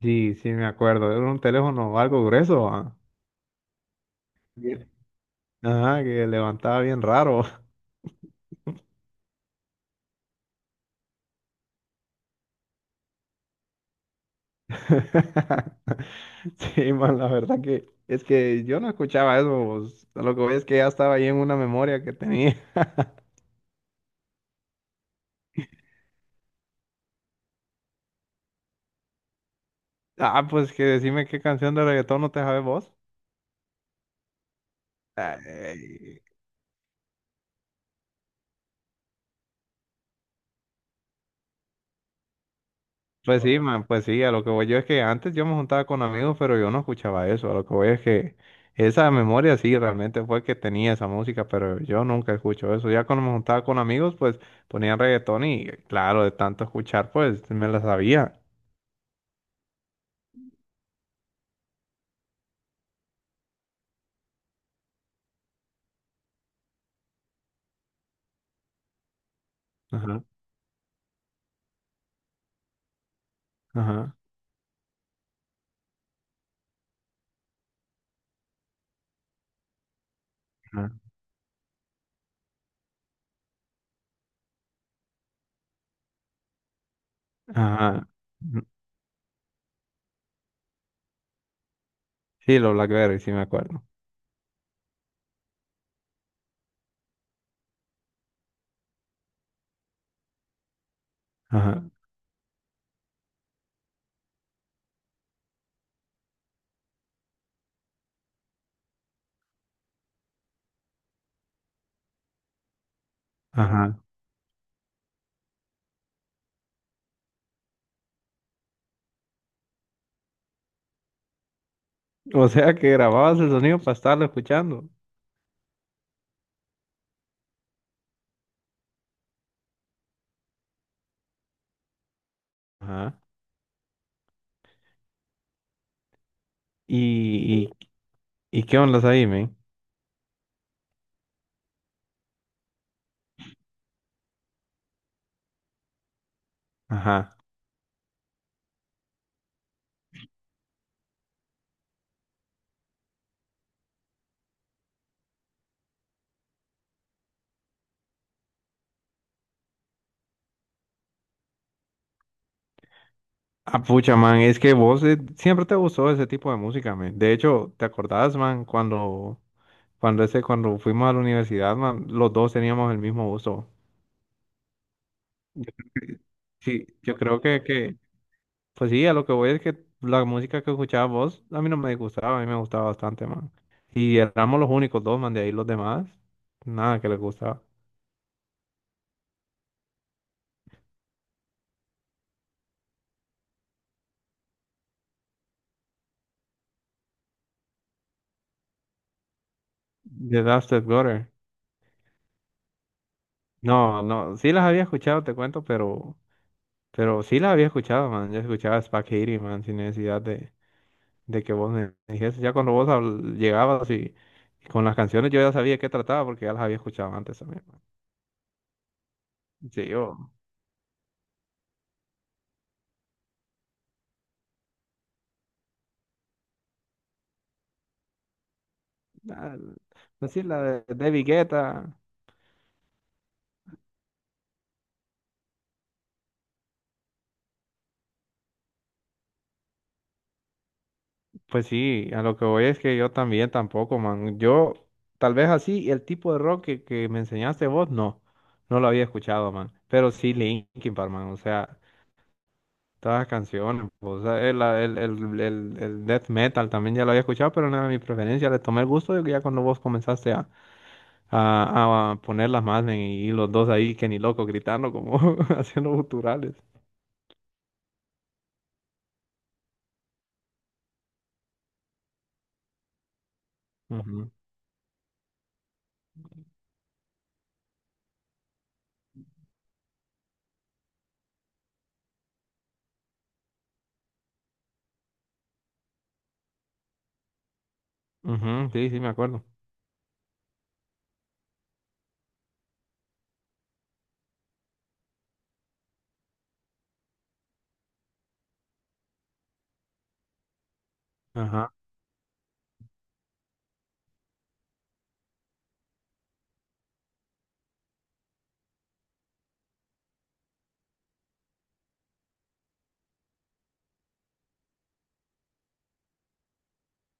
Sí, sí, me acuerdo. Era un teléfono algo grueso. Ah. Bien. Ajá, que levantaba bien raro. Sí, man, la verdad que es que yo no escuchaba eso. Lo que voy es que ya estaba ahí en una memoria que tenía. Ah, pues que decime qué canción de reggaetón no te sabes vos. Ay, Pues sí, man, pues sí, a lo que voy yo es que antes yo me juntaba con amigos, pero yo no escuchaba eso, a lo que voy es que esa memoria sí realmente fue que tenía esa música, pero yo nunca escucho eso, ya cuando me juntaba con amigos, pues ponían reggaetón y claro, de tanto escuchar, pues me la sabía. Ajá, ajá, ajá, ajá. Sí, los Blackberry, sí me acuerdo. Ajá, ajá. O sea que grababas el sonido para estarlo escuchando. Ajá. ¿Y, y qué ondas ahí, men? Ajá. Ah, pucha, man, es que vos siempre te gustó ese tipo de música, man. De hecho, ¿te acordás, man, cuando fuimos a la universidad, man, los dos teníamos el mismo gusto? Sí, yo creo que, Pues sí, a lo que voy es que la música que escuchabas vos, a mí no me gustaba, a mí me gustaba bastante, man. Y éramos los únicos dos, man, de ahí los demás, nada que les gustaba. The Dusted Gutter. No, no, sí las había escuchado, te cuento, pero sí las había escuchado, man. Yo escuchaba Spack Hitty, man, sin necesidad de que vos me dijese, ya cuando vos llegabas y con las canciones yo ya sabía qué trataba porque ya las había escuchado antes también. ¿No? Sí, yo, ah, Decir la de Vigueta, pues sí, a lo que voy es que yo también tampoco, man. Yo, tal vez así, el tipo de rock que me enseñaste vos, no, no lo había escuchado, man. Pero sí Linkin Park, man, o sea, todas las canciones, o sea, el death metal también ya lo había escuchado, pero no era mi preferencia, le tomé el gusto de que ya cuando vos comenzaste a ponerlas más men, y los dos ahí que ni loco gritando como haciendo guturales. Ujú, ujú, sí, sí, me acuerdo. Ajá,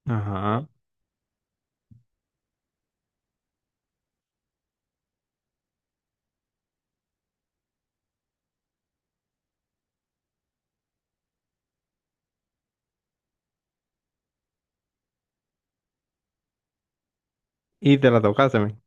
ajá. Y te la tocaste, men.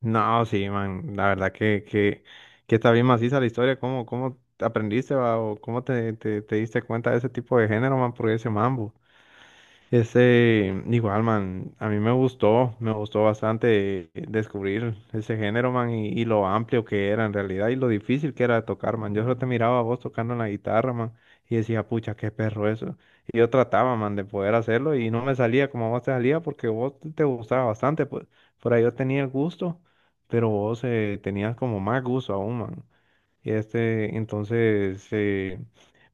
No, sí, man, la verdad que está bien maciza la historia. ¿Cómo, cómo aprendiste, va? ¿O cómo te diste cuenta de ese tipo de género, man? Porque ese mambo. Ese, igual, man, a mí me gustó bastante descubrir ese género, man, y lo amplio que era en realidad y lo difícil que era de tocar, man. Yo solo te miraba a vos tocando la guitarra, man, y decía, pucha, qué perro eso. Y yo trataba, man, de poder hacerlo y no me salía como a vos te salía porque vos te gustaba bastante, pues por ahí yo tenía el gusto, pero vos tenías como más gusto aún, man. Y este, entonces, eh,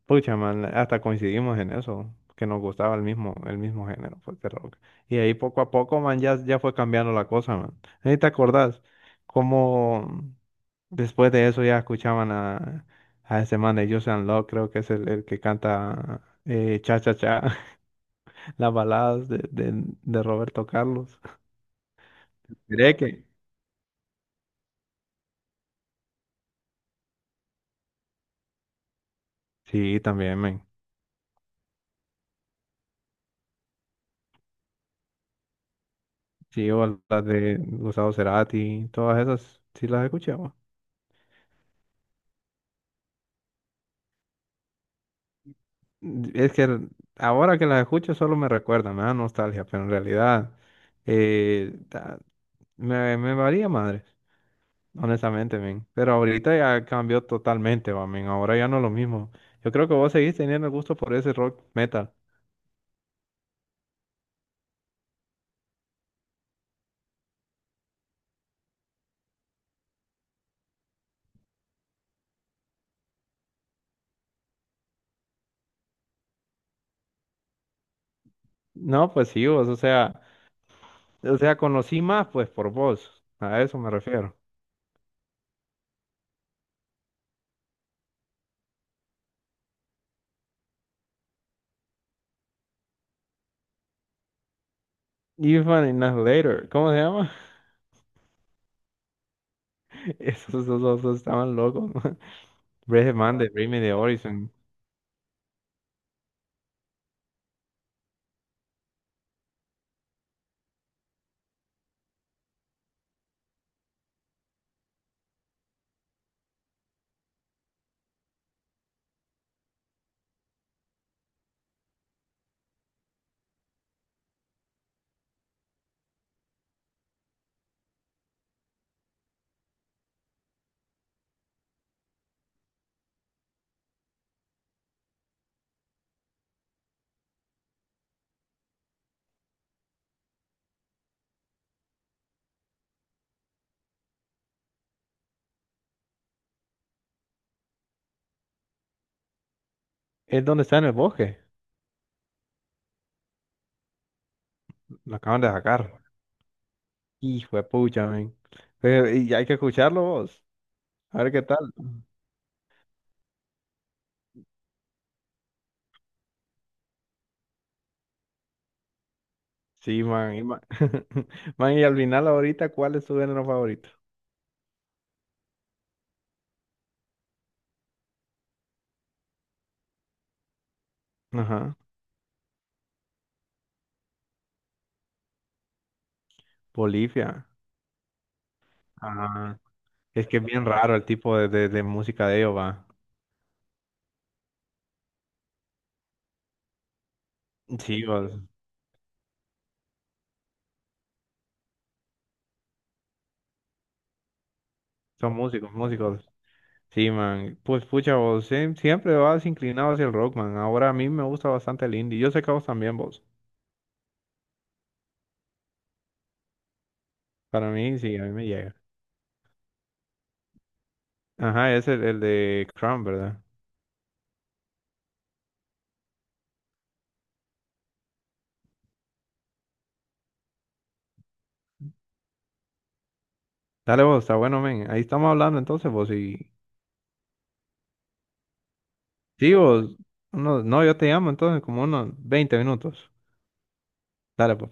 Pucha, man, hasta coincidimos en eso, que nos gustaba el mismo género, pues, de rock. Y ahí poco a poco, man, ya, ya fue cambiando la cosa, man. Ahí te acordás cómo después de eso ya escuchaban a ese man de Joseon Love, creo que es el que canta Cha Cha Cha, las baladas de Roberto Carlos. Miré que. Sí, también, man. Sí, o las de Gustavo Cerati, todas esas, sí las escuché. Es que ahora que las escucho solo me recuerda, me da nostalgia, pero en realidad eh, ta- me, me valía madre, honestamente, men. Pero ahorita ya cambió totalmente, va, men. Ahora ya no es lo mismo. Yo creo que vos seguís teniendo el gusto por ese rock metal. No, pues sí, vos, o sea, conocí más pues por vos. A eso me refiero. Even in Later, ¿cómo se llama? Esos, esos, esos estaban locos. Breath of Man de Bring Me the Horizon. Es donde está en el bosque. Lo acaban de sacar. Hijo de pucha, men. Pero, y hay que escucharlo vos. A ver qué tal. Sí, man. Y, man, man, y al final ahorita, ¿cuál es tu género favorito? Ajá. Bolivia. Ajá. Es que es bien raro el tipo de música de ellos, va. Sí, vos. Son músicos, músicos. Sí, man. Pues pucha, vos siempre vas inclinado hacia el rock, man. Ahora a mí me gusta bastante el indie. Yo sé que a vos también, vos. Para mí, sí, a mí me llega. Ajá, es el de Crown, ¿verdad? Dale vos, está bueno, men. Ahí estamos hablando entonces vos y... Sí, vos, no, yo te llamo entonces como unos 20 minutos. Dale, pues.